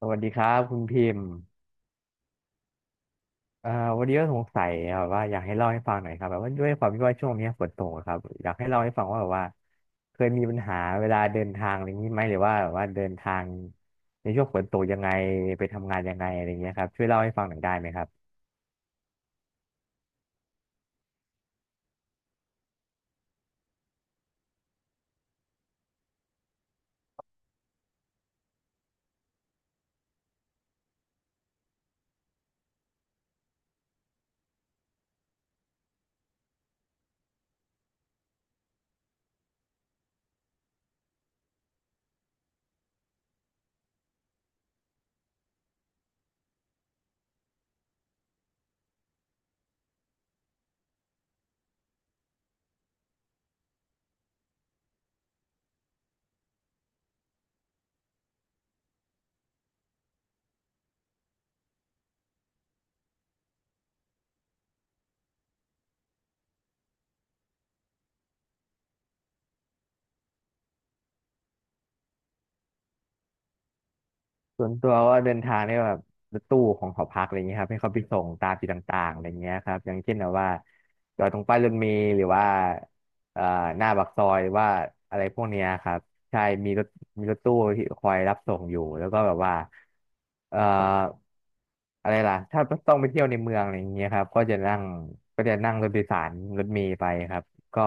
สวัสดีครับคุณพิมพ์เอ่อวันนี้ก็สงสัยแบบว่าอยากให้เล่าให้ฟังหน่อยครับแบบว่าด้วยความที่ว่าช่วงนี้ฝนตกอะครับอยากให้เล่าให้ฟังว่าแบบว่าเคยมีปัญหาเวลาเดินทางอะไรอย่างนี้ไหมหรือว่าแบบว่าเดินทางในช่วงฝนตกยังไงไปทำงานยังไงอะไรอย่างเงี้ยครับช่วยเล่าให้ฟังหน่อยได้ไหมครับส่วนตัวว่าเดินทางเนี่ยแบบรถตู้ของหอพักอะไรเงี้ยครับให้เขาไปส่งตามจุดต่างๆอะไรเงี้ยครับอย่างเช่นแบบว่าจอดตรงป้ายรถเมล์หรือว่าเอ่อหน้าปากซอยหรือว่าอะไรพวกเนี้ยครับ ใช่มีรถมีรถตู้ที่คอยรับส่งอยู่แล้วก็แบบว่าเอ่ออะไรล่ะ ถ้าต้องไปเที่ยวในเมืองอะไรอย่างเงี้ยครับก็จะนั่งรถโดยสารรถเมล์ไปครับ ก็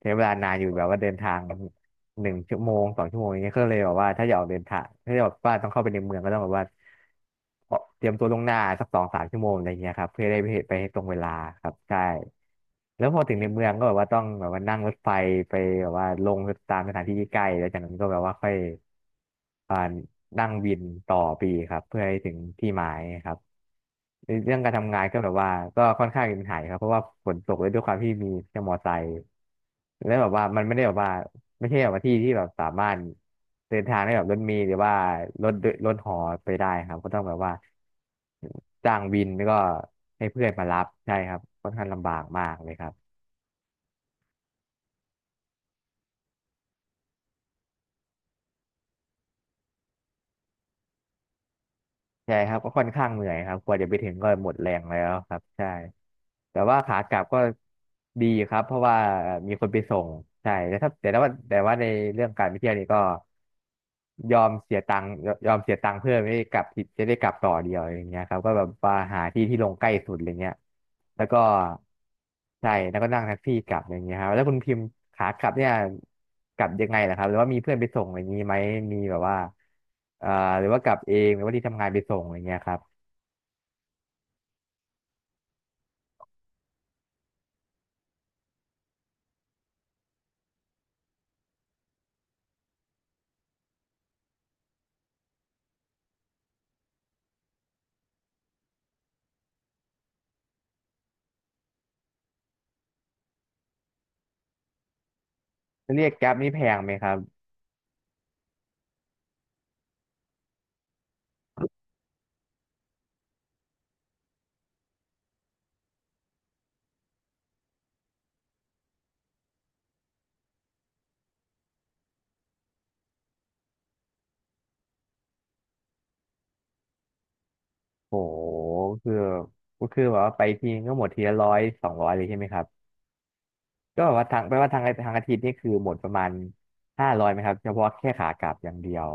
ใช้เวลานานอยู่แบบว่าเดินทางหนึ่งชั่วโมงสองชั่วโมงอย่างเงี้ยก็เลยแบบว่าถ้าอยากออกเดินทาง ถ้าอยากว่าต้องเข้าไปในเมืองก็ต้องแบบว่า เตรียมตัวล่วงหน้าสักสองสามชั่วโมงอะไรเงี้ยครับเพื่อได้ไปตรงเวลาครับใช่แล้วพอถึงในเมืองก็แบบว่าต้องแบบว่านั่งรถไฟไปแบบว่าลงตามสถานที่ที่ใกล้แล้วจากนั้นก็แบบว่าค่อยอ่านั่งวินต่อไปอีกครับเพื่อให้ถึงที่หมายครับ ในเรื่องการทำงานก็แบบว่าก็ค่อนข้างมีปัญหาอยู่ครับเพราะว่าฝนตกเลยด้วยความที่มีแค่มอไซค์แล้วแบบว่ามันไม่ได้แบบว่าไม่ใช่แบบว่าที่ที่แบบสามารถเดินทางได้แบบรถเมล์หรือว่ารถรถหอไปได้ครับก็ต้องแบบว่าจ้างวินแล้วก็ให้เพื่อนมารับใช่ครับค่อนข้างลำบากมากเลยครับ ใช่ครับก็ค่อนข้างเหนื่อยครับกว่าจะไปถึงก็หมดแรงแล้วครับใช่แต่ว่าขากลับก็ดีครับเพราะว่ามีคนไปส่งใช่แต่ถ้าแต่ว่าแต่ว่าในเรื่องการไปเที่ยวนี่ก็ยอมเสียตังค์เพื่อไม่ได้กลับที่จะได้กลับต่อเดียวอย่างเงี้ยครับก็แบบว่าหาที่ที่ลงใกล้สุดอะไรเงี้ยแล้วก็ ใช่แล้วก็นั่งแท็กซี่กลับอย่างเงี้ยครับแล้วคุณพิมพ์ขากลับเนี่ยกลับยังไงล่ะครับหรือว่ามีเพื่อนไปส่งอะไรอย่างงี้ไหมมีแบบว่าเอ่อหรือว่ากลับเองหรือว่าที่ทำงานไปส่งอะไรเงี้ยครับแล้วเรียกแกร็บนี่แพงไหมครับโหคือก็คือแบบว่าไปทีนึงก็หมดทีละร้อยสองร้อยเลยใช่ไหมครับก็แบบว่าทางแปลว่าทางทางอาทิตย์นี่คือหมดประมาณห้าร้อยไหมครับเฉพาะแค่ขากลับอย่างเดียว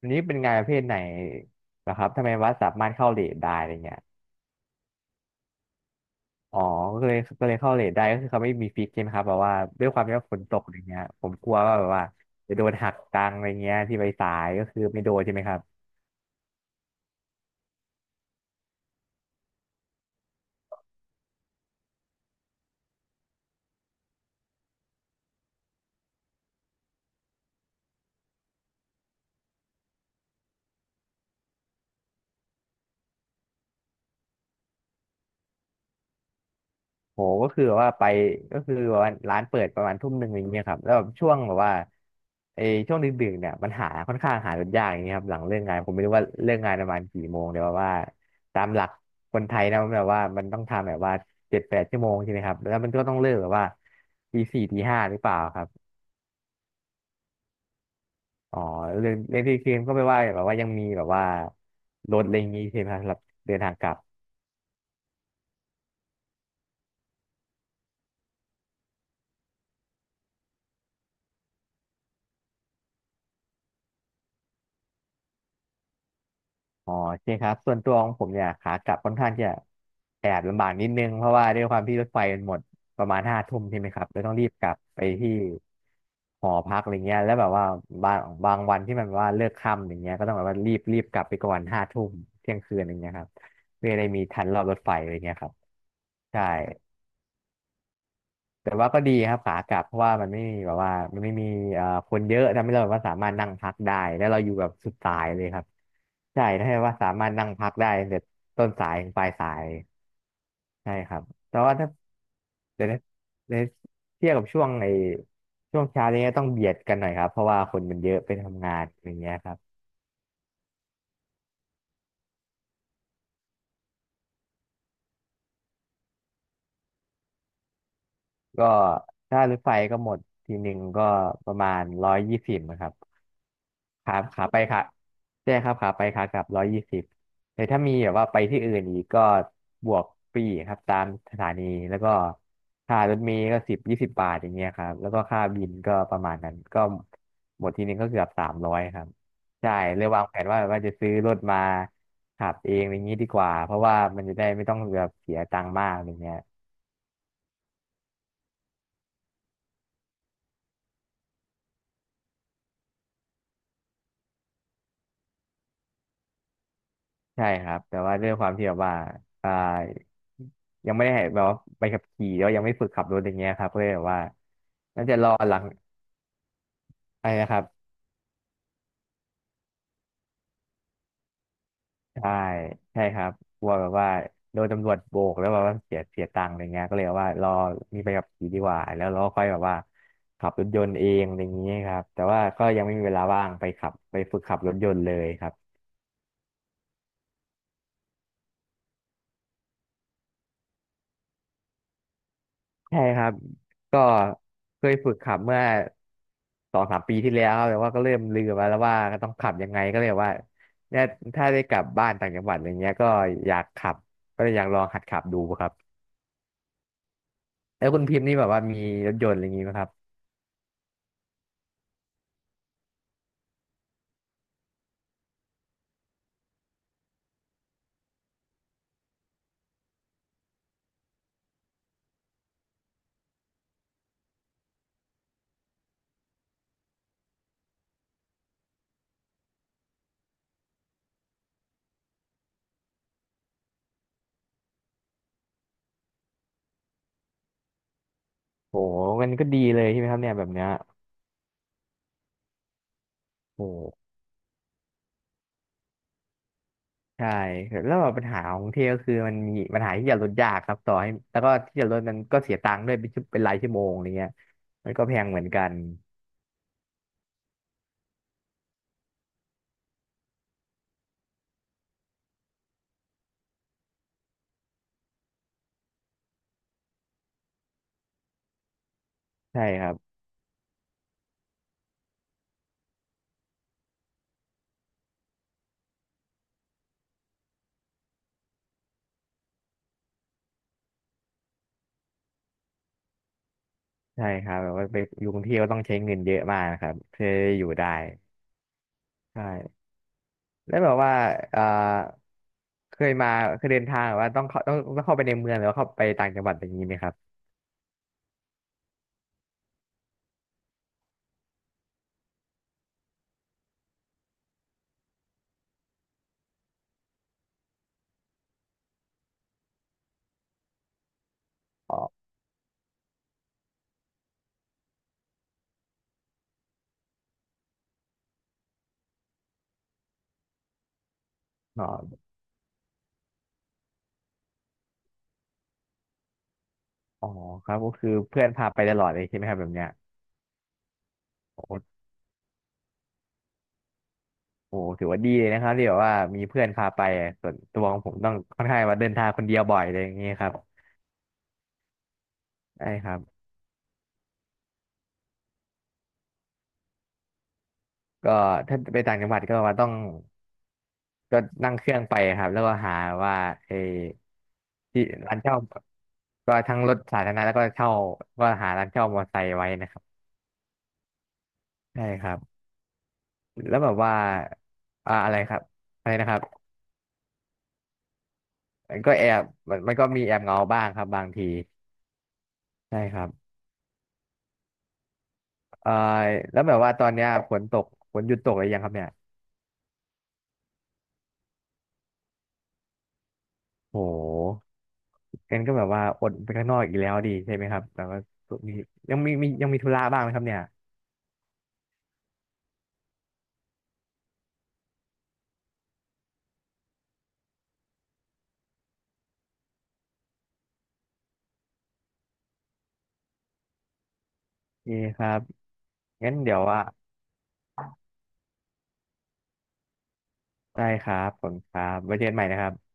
อันนี้เป็นงานประเภทไหนนะครับทำไมว่าสามารถเข้าเลทได้อะไรเงี้ย อ๋อก็เลยเข้าเลทได้ก็คือเขาไม่มีฟิกใช่ไหมครับแบบว่าด้วยความที่ว่าฝนตกอะไรเงี้ยผมกลัวว่าแบบว่าจะโดนหักตังค์อะไรเงี้ยที่ไปสายก็คือไม่โดนใช่ไหมครับโหก็คือแบบว่าร้านเปิดประมาณทุ่มหนึ่งอะไรเงี้ยครับแล้วแบบช่วงแบบว่าไอ้ช่วงดึกๆเนี่ยมันหารถยากอย่างเงี้ยครับหลังเลิกงานผมไม่รู้ว่าเลิกงานประมาณกี่โมงแต่ว่าตามหลักคนไทยนะมันแบบว่ามันต้องทำแบบว่าเจ็ดแปดชั่วโมงใช่ไหมครับแล้วมันก็ต้องเลิกแบบว่าตีสี่ตีห้าหรือเปล่าครับ อ๋อเรื่องที่เคลมก็ไม่ว่าแบบว่ายังมีแบบว่ารถอะไรอย่างงี้ใช่ไหมครับสำหรับเดินทางกลับอ๋อใช่คครับส่วนตัวของผมเนี่ยขากลับค่อนข้างจะแอบลำบากนิดนึงเพราะว่าด้วยความที่รถไฟมันหมดประมาณห้าทุ่มใช่ไหมครับเลยต้องรีบกลับไปที่หอพักอะไรเงี้ยแล้วแบบว่าบางบางวันที่มันแบบว่าเลิกค่ำอย่างเงี้ยก็ต้องแบบว่ารีบกลับไปก่อนห้าทุ่มเที่ยงคืนอย่างเงี้ยครับเพื่อได้มีทันรอบรถไฟอะไรเงี้ยครับใช่ แต่ว่าก็ดีครับขากลับเพราะว่ามันไม่มีแบบว่ามันไม่มีคนเยอะทำให้เราแบบว่าสามารถนั่งพักได้แล้วเราอยู่แบบสุดสายเลยครับใช่ถ้าว่าสามารถนั่งพักได้ตั้งแต่ต้นสายถึงปลายสายใช่ครับแต่ว่าถ้าเดี๋ยวนะเดี๋ยวเทียบกับช่วงไอ้ช่วงเช้านี้ต้องเบียดกันหน่อยครับเพราะว่าคนมันเยอะไปทำงานอย่างเงี้ยครับก็ถ้ารถไฟก็หมดทีหนึ่งก็ประมาณร้อยยี่สิบนะครับ ขาไปขาใช่ครับขาไปขากลับร้อยยี่สิบแต่ถ้ามีแบบว่าไปที่อื่นอีกก็บวกฟรีครับตามสถานีแล้วก็ค่ารถเมล์ก็สิบยี่สิบบาทอย่างเงี้ยครับแล้วก็ค่าบินก็ประมาณนั้นก็หมดทีนึงก็เกือบสามร้อยครับใช่เลยวางแผนว่าจะซื้อรถมาขับเองอะไรอย่างงี้ดีกว่าเพราะว่ามันจะได้ไม่ต้องแบบเสียตังค์มากอะไรเงี้ย ใช่ครับแต่ว่าด้วยความที่แบบว่าอ่ายังไม่ได้แบบว่าใบขับขี่แล้วยังไม่ฝึกขับรถอย่างเงี้ยครับก็เลยแบบว่าน่าจะรอหลังอะไรนะครับใช่ใช่ครับกลัวแบบว่าโดนตำรวจโบกแล้วแบบว่าเสียตังค์อะไรเงี้ยก็เลยว่ารอมีใบขับขี่ดีกว่าแล้วเราก็ค่อยแบบว่าขับรถยนต์เองอะไรเงี้ยครับแต่ว่าก็ยังไม่มีเวลาว่างไปขับไปฝึกขับรถยนต์เลยครับ ใช่ครับก็เคยฝึกขับเมื่อสองสามปีที่แล้วครับแต่ว่าก็เริ่มลืมไปแล้วว่าก็ต้องขับยังไงก็เลยว่าเนี่ยถ้าได้กลับบ้านต่างจังหวัดอะไรเงี้ยก็อยากขับก็เลยอยากลองหัดขับดูครับแล้วคุณพิมพ์นี่แบบว่ามีรถยนต์อะไรอย่างงี้ไหมครับโหมันก็ดีเลยใช่ไหมครับเนี่ยแบบเนี้ยโหใช่แล้วแบบปัญหาของกรุงเทพก็คือมันมีปัญหาที่จะลดยากครับต่อให้แล้วก็ที่จะลดมันก็เสียตังค์ด้วยเป็นชั่วเป็นรายชั่วโมงอะไรเงี้ยมันก็แพงเหมือนกันใช่ครับ ใช่ครับแบบว่าไปอยู่กรุงเทพก็ต้องใช้เงินเยอะมากนะครับเพื่ออยู่ได้ใช่แล้วแบบว่าเอ่อเคยมาเคยเดินทางแบบว่าต้องเข้าต้องเข้าไปในเมืองหรือว่าเข้าไปต่างจังหวัดอย่างนี้ไหมครับอ๋ออ๋ออ๋อครับก็คือเพื่อนพาไปตลอดเลยใช่ไหมครับแบบเนี้ยโอ้โหถือว่าดีเลยนะครับที่แบบว่ามีเพื่อนพาไปอะส่วนตัวของผมต้องค่อนข้างว่าเดินทางคนเดียวบ่อยอะไรอย่างเงี้ยครับใช่ครับก็ถ้าไปต่างจังหวัดก็ว่าต้อง ก็นั่งเครื่องไปครับแล้วก็หาว่าเออที่ร้านเช่าก็ทั้งรถสาธารณะแล้วก็เช่าก็หาร้านเช่ามอเตอร์ไซค์ไว้นะครับใช่ครับแล้วแบบว่าอะไรครับอะไรนะครับมันก็แอบมันก็มีแอบเหงาบ้างครับบางทีใช่ครับเอ่อแล้วแบบว่าตอนเนี้ยฝนตกฝนหยุดตกหรือยังครับเนี่ยโหงั้นก็แบบว่าอดไปข้างนอกอีกแล้วดีใช่ไหมครับแต่ว่ามียังมียังมีธุระบ้างไหมครับเนี่ยโอ่คครับงั้นเดี๋ยวว่า ได้ครับผมครับไว้เจอกันใหม่นะครับ